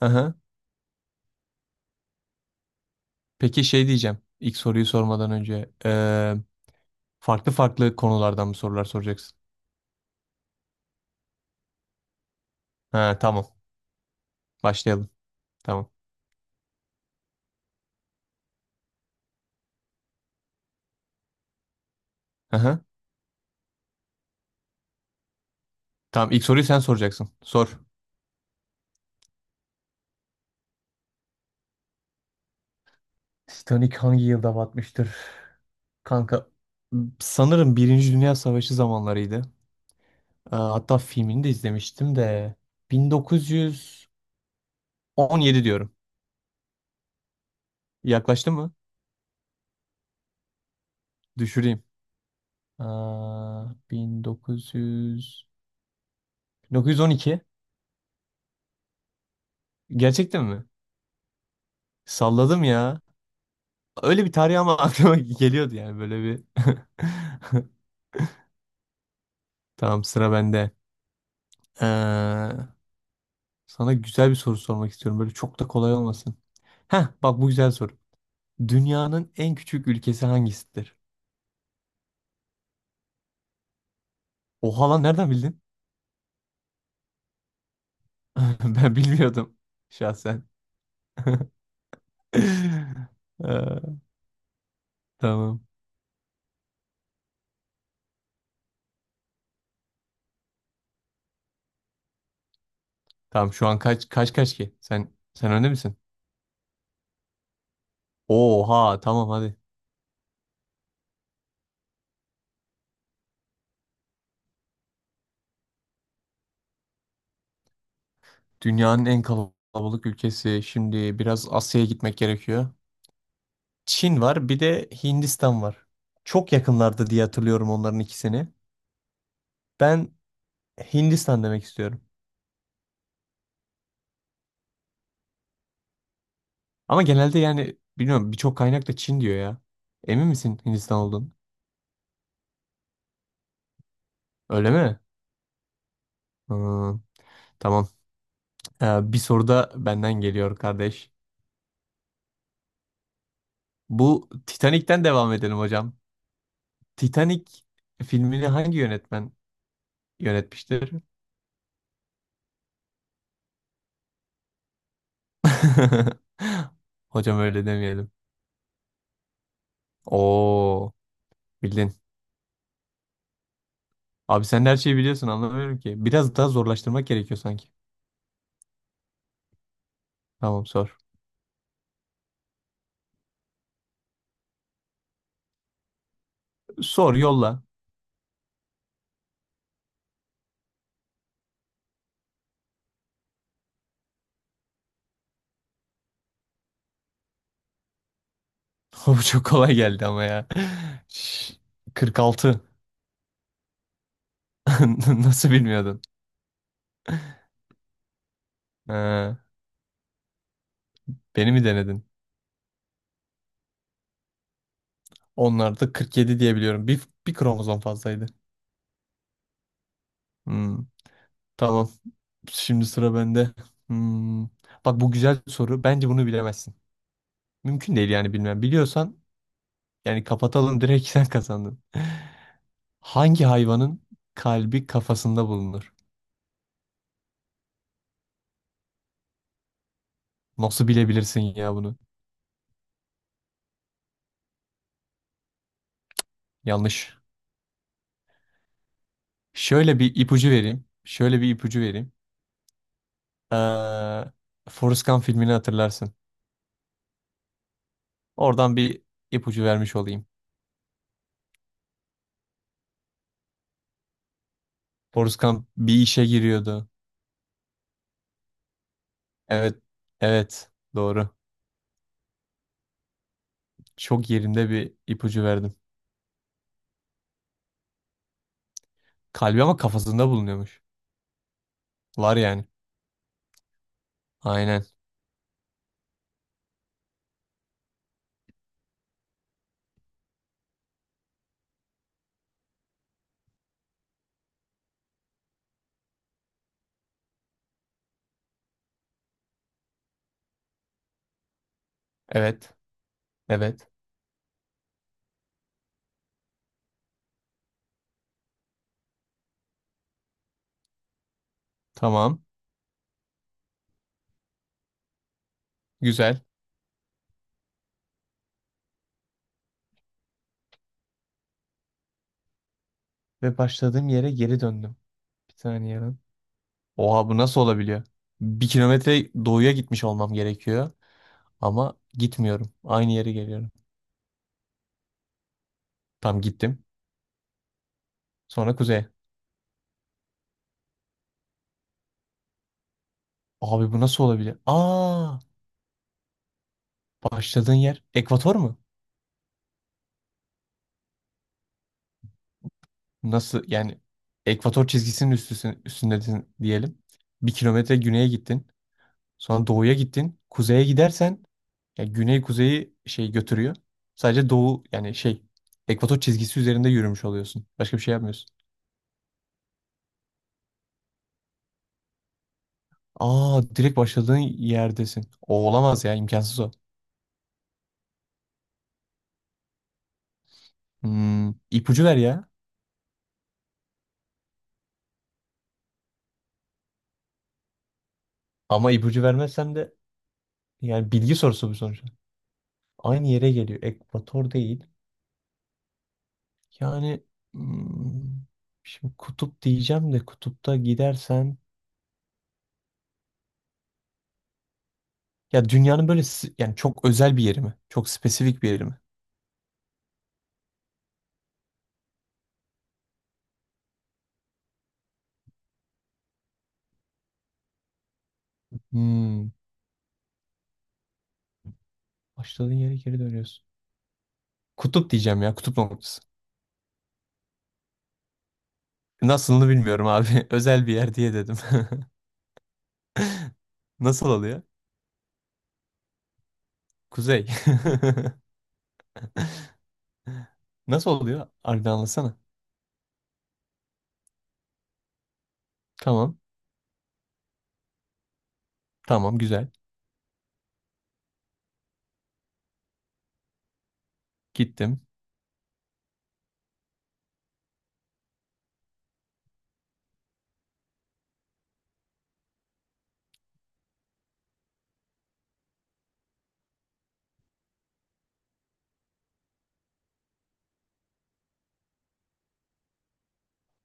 Aha. Peki şey diyeceğim. İlk soruyu sormadan önce. Farklı farklı konulardan mı sorular soracaksın? Ha, tamam. Başlayalım. Tamam. Aha. Tamam ilk soruyu sen soracaksın. Sor. Titanic hangi yılda batmıştır? Kanka sanırım Birinci Dünya Savaşı zamanlarıydı. Hatta filmini de izlemiştim de 1917 diyorum. Yaklaştı mı? Düşüreyim. Aa, 1900 1912. Gerçekten mi? Salladım ya. Öyle bir tarih ama aklıma geliyordu yani böyle bir. Tamam sıra bende. Ee, sana güzel bir soru sormak istiyorum. Böyle çok da kolay olmasın. Heh bak bu güzel soru. Dünyanın en küçük ülkesi hangisidir? Oha lan nereden bildin? Ben bilmiyordum şahsen. Ee, tamam. Tamam şu an kaç kaç ki? Sen önde misin? Oha tamam hadi. Dünyanın en kalabalık ülkesi. Şimdi biraz Asya'ya gitmek gerekiyor. Çin var, bir de Hindistan var. Çok yakınlardı diye hatırlıyorum onların ikisini. Ben Hindistan demek istiyorum. Ama genelde yani bilmiyorum birçok kaynak da Çin diyor ya. Emin misin Hindistan olduğunu? Öyle mi? Hmm, tamam. Bir soru da benden geliyor kardeş. Bu Titanic'ten devam edelim hocam. Titanic filmini hangi yönetmen yönetmiştir? Hocam öyle demeyelim. Oo, bildin. Abi sen de her şeyi biliyorsun anlamıyorum ki. Biraz daha zorlaştırmak gerekiyor sanki. Tamam sor. Sor yolla. Bu çok kolay geldi ama ya. Şş, 46. Nasıl bilmiyordun? Ha, beni mi denedin? Onlarda 47 diye biliyorum. Bir kromozom fazlaydı. Hmm, tamam. Şimdi sıra bende. Hmm, Bak bu güzel soru. Bence bunu bilemezsin. Mümkün değil yani bilmem. Biliyorsan yani kapatalım direkt sen kazandın. Hangi hayvanın kalbi kafasında bulunur? Nasıl bilebilirsin ya bunu? Yanlış. Şöyle bir ipucu vereyim. Şöyle bir ipucu vereyim. Ee, Forrest Gump filmini hatırlarsın. Oradan bir ipucu vermiş olayım. Forrest Gump bir işe giriyordu. Evet. Evet. Doğru. Çok yerinde bir ipucu verdim. Kalbi ama kafasında bulunuyormuş. Var yani. Aynen. Evet. Evet. Tamam. Güzel. Ve başladığım yere geri döndüm. Bir saniye lan. Oha bu nasıl olabiliyor? Bir kilometre doğuya gitmiş olmam gerekiyor. Ama gitmiyorum. Aynı yere geliyorum. Tam gittim. Sonra kuzeye. Abi bu nasıl olabilir? Aa, başladığın yer ekvator mu? Nasıl yani ekvator çizgisinin üstüsün, üstündesin diyelim. Bir kilometre güneye gittin. Sonra doğuya gittin. Kuzeye gidersen ya güney kuzeyi şey götürüyor. Sadece doğu yani şey ekvator çizgisi üzerinde yürümüş oluyorsun. Başka bir şey yapmıyorsun. Aa direkt başladığın yerdesin. O olamaz ya imkansız o. Hmm, ipucu ver ya. Ama ipucu vermezsem de. Yani bilgi sorusu bu sonuçta. Aynı yere geliyor. Ekvator değil. Yani hmm, şimdi kutup diyeceğim de kutupta gidersen ya dünyanın böyle yani çok özel bir yeri mi? Çok spesifik bir yeri mi? Hmm, başladığın yere geri dönüyorsun. Kutup diyeceğim ya. Kutup noktası. Nasılını bilmiyorum abi. Özel bir yer diye dedim. Nasıl oluyor? Kuzey. Nasıl oluyor? Harbiden anlatsana. Tamam. Tamam güzel. Gittim.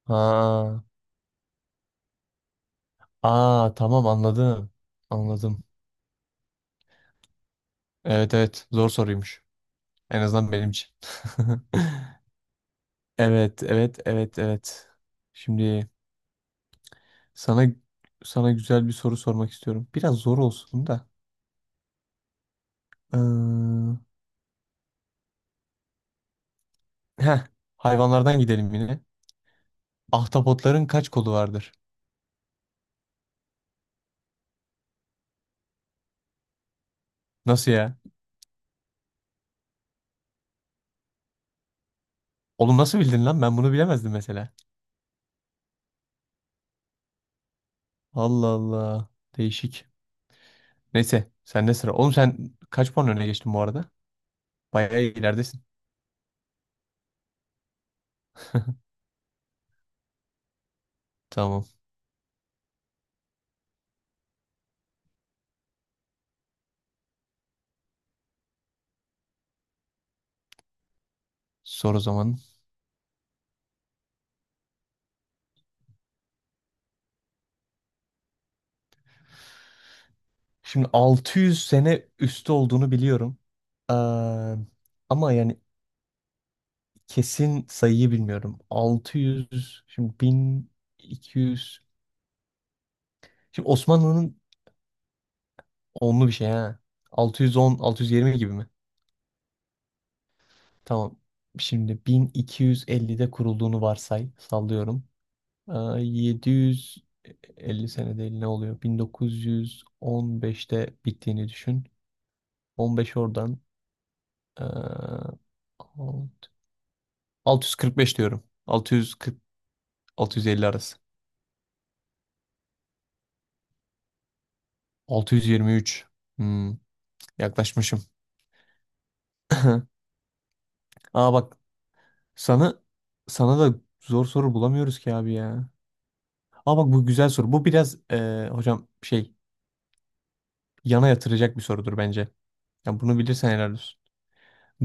Ha. Aa tamam anladım. Anladım. Evet evet zor soruymuş. En azından benim için. Evet evet evet evet. Şimdi sana sana güzel bir soru sormak istiyorum. Biraz zor olsun da. Ee, heh, hayvanlardan gidelim yine. Ahtapotların kaç kolu vardır? Nasıl ya? Oğlum nasıl bildin lan? Ben bunu bilemezdim mesela. Allah Allah. Değişik. Neyse sende sıra. Oğlum sen kaç puan öne geçtin bu arada? Bayağı ileridesin. Tamam. Sor o zaman. Şimdi 600 sene üstü olduğunu biliyorum. Eee, ama yani kesin sayıyı bilmiyorum. 600, şimdi 1200. Şimdi Osmanlı'nın onlu bir şey ha. 610, 620 gibi mi? Tamam. Şimdi 1250'de kurulduğunu varsay, sallıyorum. Eee, 750 sene değil ne oluyor? 1915'te bittiğini düşün. 15 oradan. eee 645 diyorum. 640-650 arası. 623. Hmm, yaklaşmışım. Aa bak sana sana da zor soru bulamıyoruz ki abi ya. Aa bak bu güzel soru. Bu biraz hocam şey yana yatıracak bir sorudur bence. Ya bunu bilirsen helal olsun.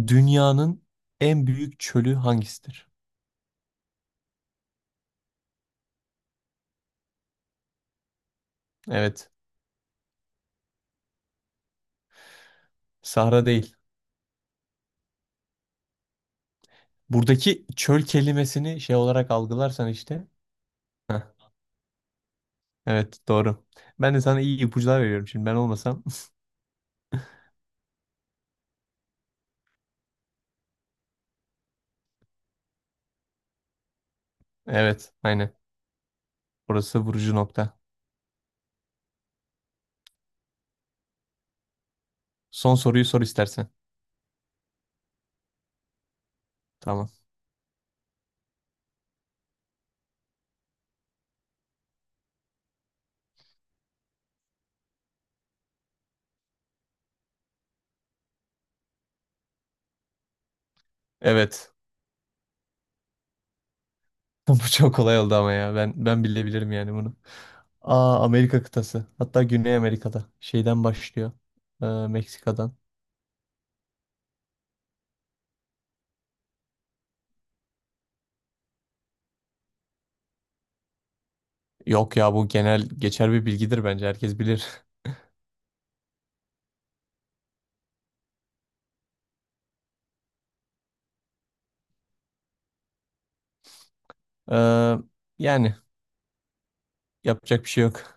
Dünyanın en büyük çölü hangisidir? Evet. Sahra değil. Buradaki çöl kelimesini şey olarak algılarsan işte. Heh, evet doğru. Ben de sana iyi ipuçlar veriyorum. Şimdi ben olmasam. Evet, aynen. Burası vurucu nokta. Son soruyu sor istersen. Tamam. Evet. Bu çok kolay oldu ama ya. Ben bilebilirim yani bunu. Aa, Amerika kıtası. Hatta Güney Amerika'da. Şeyden başlıyor. Meksika'dan. Yok ya bu genel geçer bir bilgidir bence. Herkes bilir. Ee, yani yapacak bir şey yok.